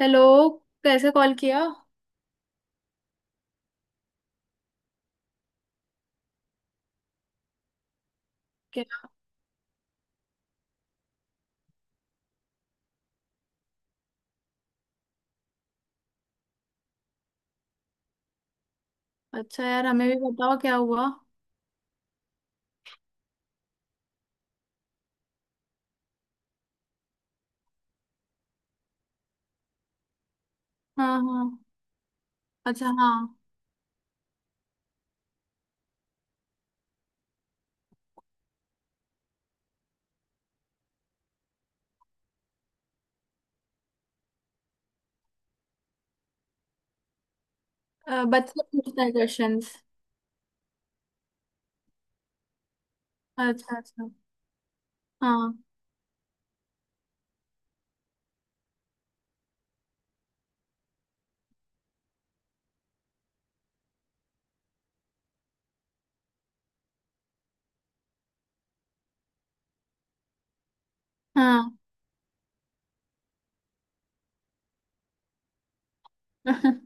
Hello. कैसे call किया? क्या? अच्छा यार, हमें भी बताओ क्या हुआ। हाँ, हाँ। अच्छा, हाँ। बच्चा पूछता है क्वेश्चंस? अच्छा, अच्छा। हाँ। हाँ।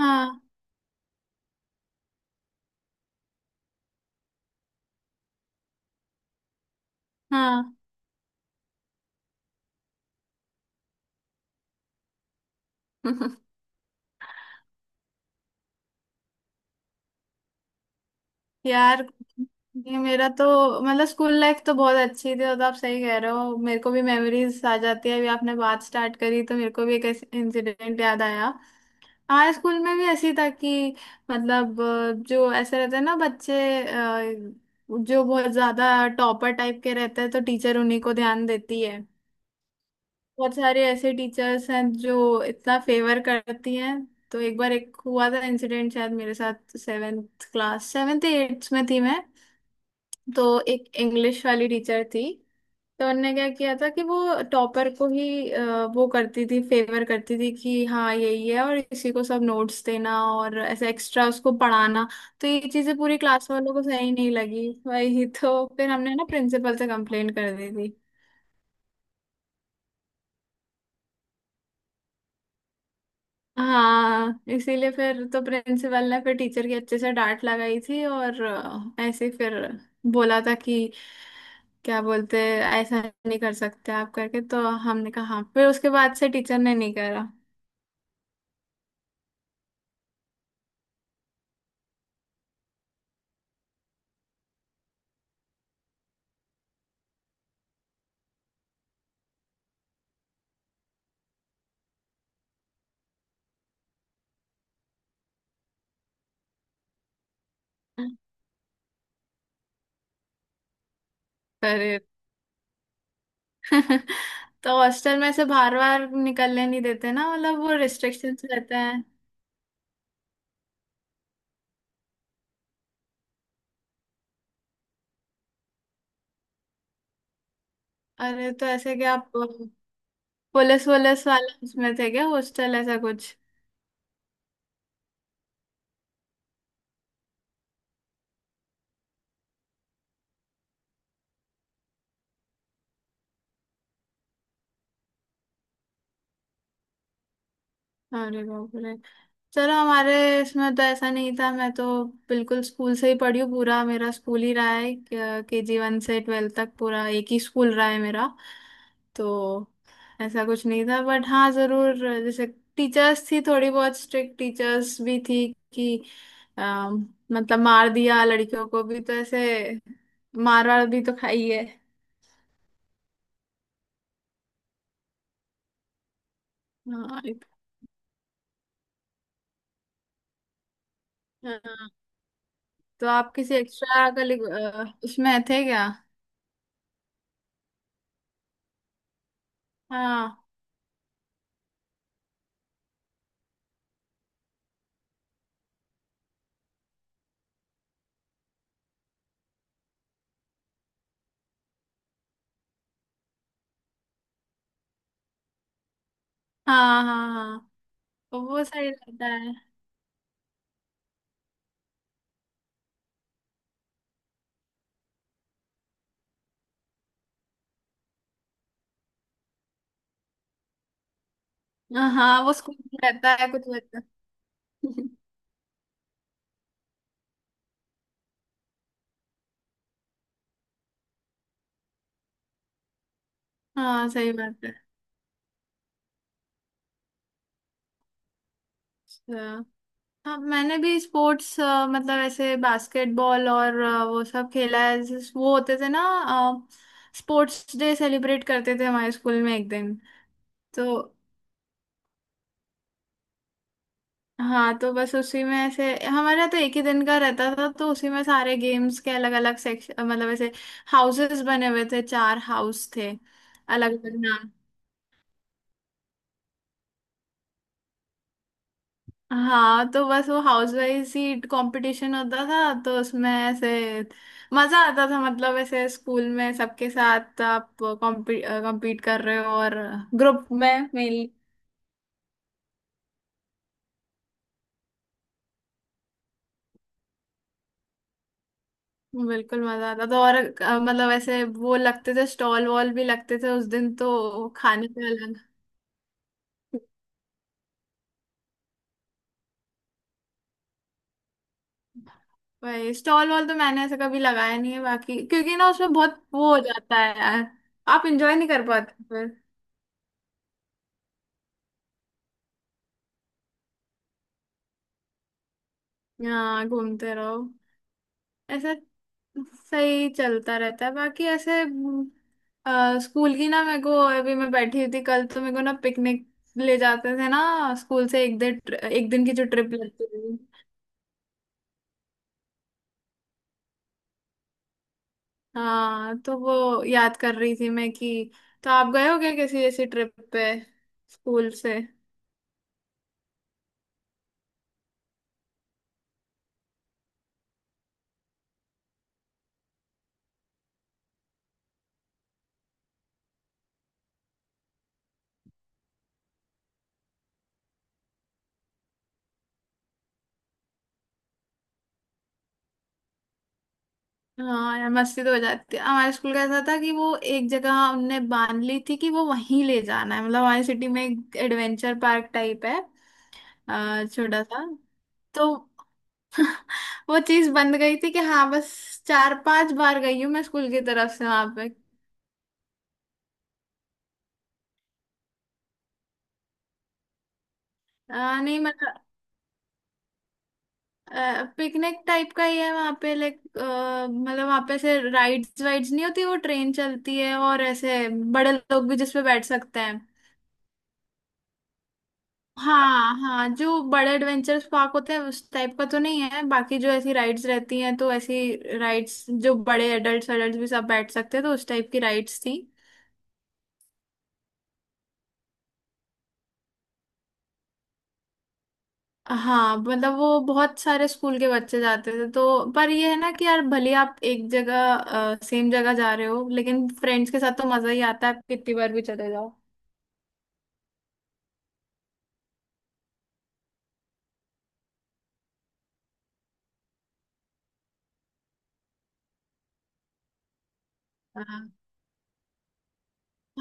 हाँ। हाँ। यार, ये मेरा तो मतलब स्कूल लाइफ तो बहुत अच्छी थी। और तो आप सही कह रहे हो, मेरे को भी मेमोरीज आ जाती है। अभी आपने बात स्टार्ट करी तो मेरे को भी एक इंसिडेंट याद आया। हाँ, स्कूल में भी ऐसी था कि मतलब जो ऐसे रहते हैं ना बच्चे, अ, जो बहुत ज्यादा टॉपर टाइप के रहते हैं तो टीचर उन्हीं को ध्यान देती है। बहुत सारे ऐसे टीचर्स हैं जो इतना फेवर करती हैं। तो एक बार एक हुआ था इंसिडेंट, शायद मेरे साथ सेवेंथ क्लास, सेवेंथ एट्थ में थी मैं। तो एक इंग्लिश वाली टीचर थी। तो उनने क्या किया था कि वो टॉपर को ही वो करती थी, फेवर करती थी कि हाँ यही है और इसी को सब नोट्स देना और ऐसा एक्स्ट्रा उसको पढ़ाना। तो ये चीजें पूरी क्लास वालों को सही नहीं लगी, वही तो फिर हमने ना प्रिंसिपल से कंप्लेंट कर दी थी। हाँ, इसीलिए फिर तो प्रिंसिपल ने फिर टीचर की अच्छे से डांट लगाई थी और ऐसे ही फिर बोला था कि क्या बोलते, ऐसा नहीं कर सकते आप करके, तो हमने कहा हाँ। फिर उसके बाद से टीचर ने नहीं करा। अरे! तो हॉस्टल में से बाहर बाहर निकलने नहीं देते ना, मतलब वो रिस्ट्रिक्शंस रहते हैं। अरे, तो ऐसे क्या आप पुलिस वुलिस वाले उसमें थे क्या, हॉस्टल ऐसा कुछ? अरे बाप रे। चलो, हमारे इसमें तो ऐसा नहीं था, मैं तो बिल्कुल स्कूल से ही पढ़ी हूँ, पूरा मेरा स्कूल ही रहा है। के जी वन से 12वीं तक पूरा एक ही स्कूल रहा है मेरा। तो ऐसा कुछ नहीं था बट हाँ ज़रूर, जैसे टीचर्स थी, थोड़ी बहुत स्ट्रिक्ट टीचर्स भी थी कि अम, मतलब मार दिया लड़कियों को भी, तो ऐसे मार वार भी तो खाई है। हाँ। हाँ। तो आप किसी एक्स्ट्रा उसमें थे क्या? हाँ, हाँ, हाँ। हाँ, वो सही रहता है। हाँ, हाँ। वो स्कूल रहता है कुछ बच्चा। हाँ, सही बात है। अच्छा। हाँ, मैंने भी स्पोर्ट्स मतलब ऐसे बास्केटबॉल और वो सब खेला है वो होते थे ना स्पोर्ट्स डे, सेलिब्रेट करते थे हमारे स्कूल में एक दिन। तो हाँ, तो बस उसी में ऐसे हमारा तो एक ही दिन का रहता था, तो उसी में सारे गेम्स के अलग अलग सेक्शन मतलब ऐसे हाउसेस बने हुए थे, चार हाउस थे अलग अलग। हाँ, तो बस वो हाउस वाइज ही कंपटीशन होता था। तो उसमें ऐसे मजा आता था, मतलब ऐसे स्कूल में सबके साथ आप कॉम्पीट कर रहे हो और ग्रुप में मेनली। बिल्कुल मजा आता था, और मतलब ऐसे वो लगते थे स्टॉल वॉल भी लगते थे उस दिन तो, खाने पे अलग। भाई स्टॉल वॉल तो मैंने ऐसे कभी लगाया नहीं है बाकी, क्योंकि ना उसमें बहुत वो हो जाता है यार, आप इंजॉय नहीं कर पाते फिर। हाँ, घूमते रहो। ऐसा सही चलता रहता है बाकी ऐसे स्कूल की ना मेरे को, अभी मैं बैठी हुई थी कल तो मेरे को ना पिकनिक ले जाते थे ना स्कूल से, एक दिन, एक दिन की जो ट्रिप लगती थी। हाँ तो वो याद कर रही थी मैं कि तो आप गए हो क्या किसी ऐसी ट्रिप पे स्कूल से? हाँ यार, मस्ती तो हो जाती है। हमारे स्कूल का ऐसा था कि वो एक जगह हमने बांध ली थी कि वो वहीं ले जाना है, मतलब हमारी सिटी में एक एडवेंचर पार्क टाइप है, छोटा सा। तो वो चीज बंद गई थी कि हाँ बस, चार पांच बार गई हूँ मैं स्कूल की तरफ से वहां पे। नहीं मतलब पिकनिक टाइप का ही है वहां पे, लाइक मतलब वहां पे ऐसे राइड्स वाइड्स नहीं होती, वो ट्रेन चलती है और ऐसे बड़े लोग भी जिसपे बैठ सकते हैं। हाँ, हाँ, जो बड़े एडवेंचर्स पार्क होते हैं उस टाइप का तो नहीं है, बाकी जो ऐसी राइड्स रहती हैं, तो ऐसी राइड्स जो बड़े एडल्ट्स, एडल्ट्स भी सब बैठ सकते हैं, तो उस टाइप की राइड्स थी। हाँ मतलब वो बहुत सारे स्कूल के बच्चे जाते थे तो, पर ये है ना कि यार भले आप एक जगह सेम जगह जा रहे हो लेकिन फ्रेंड्स के साथ तो मजा ही आता है, आप कितनी बार भी चले जाओ। हाँ।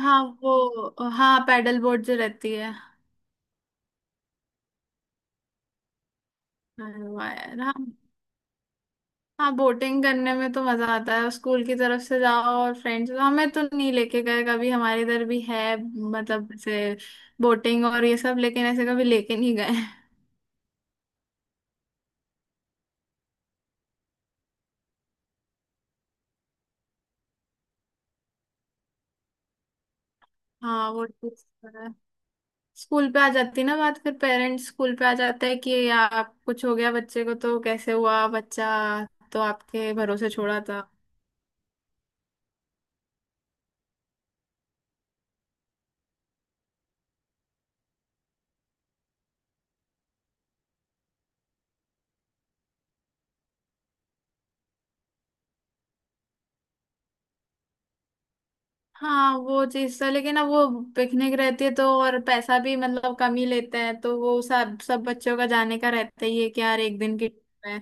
हाँ, वो हाँ, पैडल बोट जो रहती है। अरे वाह यार। हाँ। हाँ, बोटिंग करने में तो मजा आता है, स्कूल की तरफ से जाओ और फ्रेंड्स, हमें तो नहीं लेके गए कभी, हमारे इधर भी है मतलब ऐसे बोटिंग और ये सब, लेकिन ऐसे कभी लेके नहीं गए। हाँ, वो स्कूल पे आ जाती ना बात, फिर पेरेंट्स स्कूल पे आ जाता है कि या आप कुछ हो गया बच्चे को तो कैसे हुआ बच्चा, तो आपके भरोसे छोड़ा था। हाँ, वो चीज तो, लेकिन अब वो पिकनिक रहती है तो, और पैसा भी मतलब कम ही लेते हैं, तो वो सब, सब बच्चों का जाने का रहता ही है कि यार एक दिन की trip है।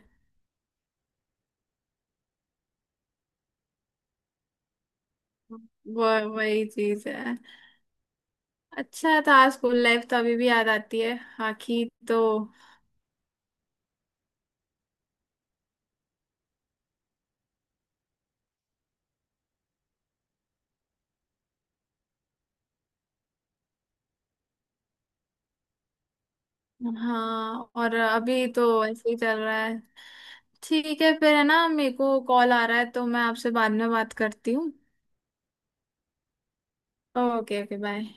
वो वही चीज है। अच्छा था स्कूल लाइफ, तो अभी भी याद आती है आखिर तो। हाँ, और अभी तो ऐसे ही चल रहा है। ठीक है फिर, है ना? मेरे को कॉल आ रहा है, तो मैं आपसे बाद में बात करती हूँ। Okay, okay. बाय।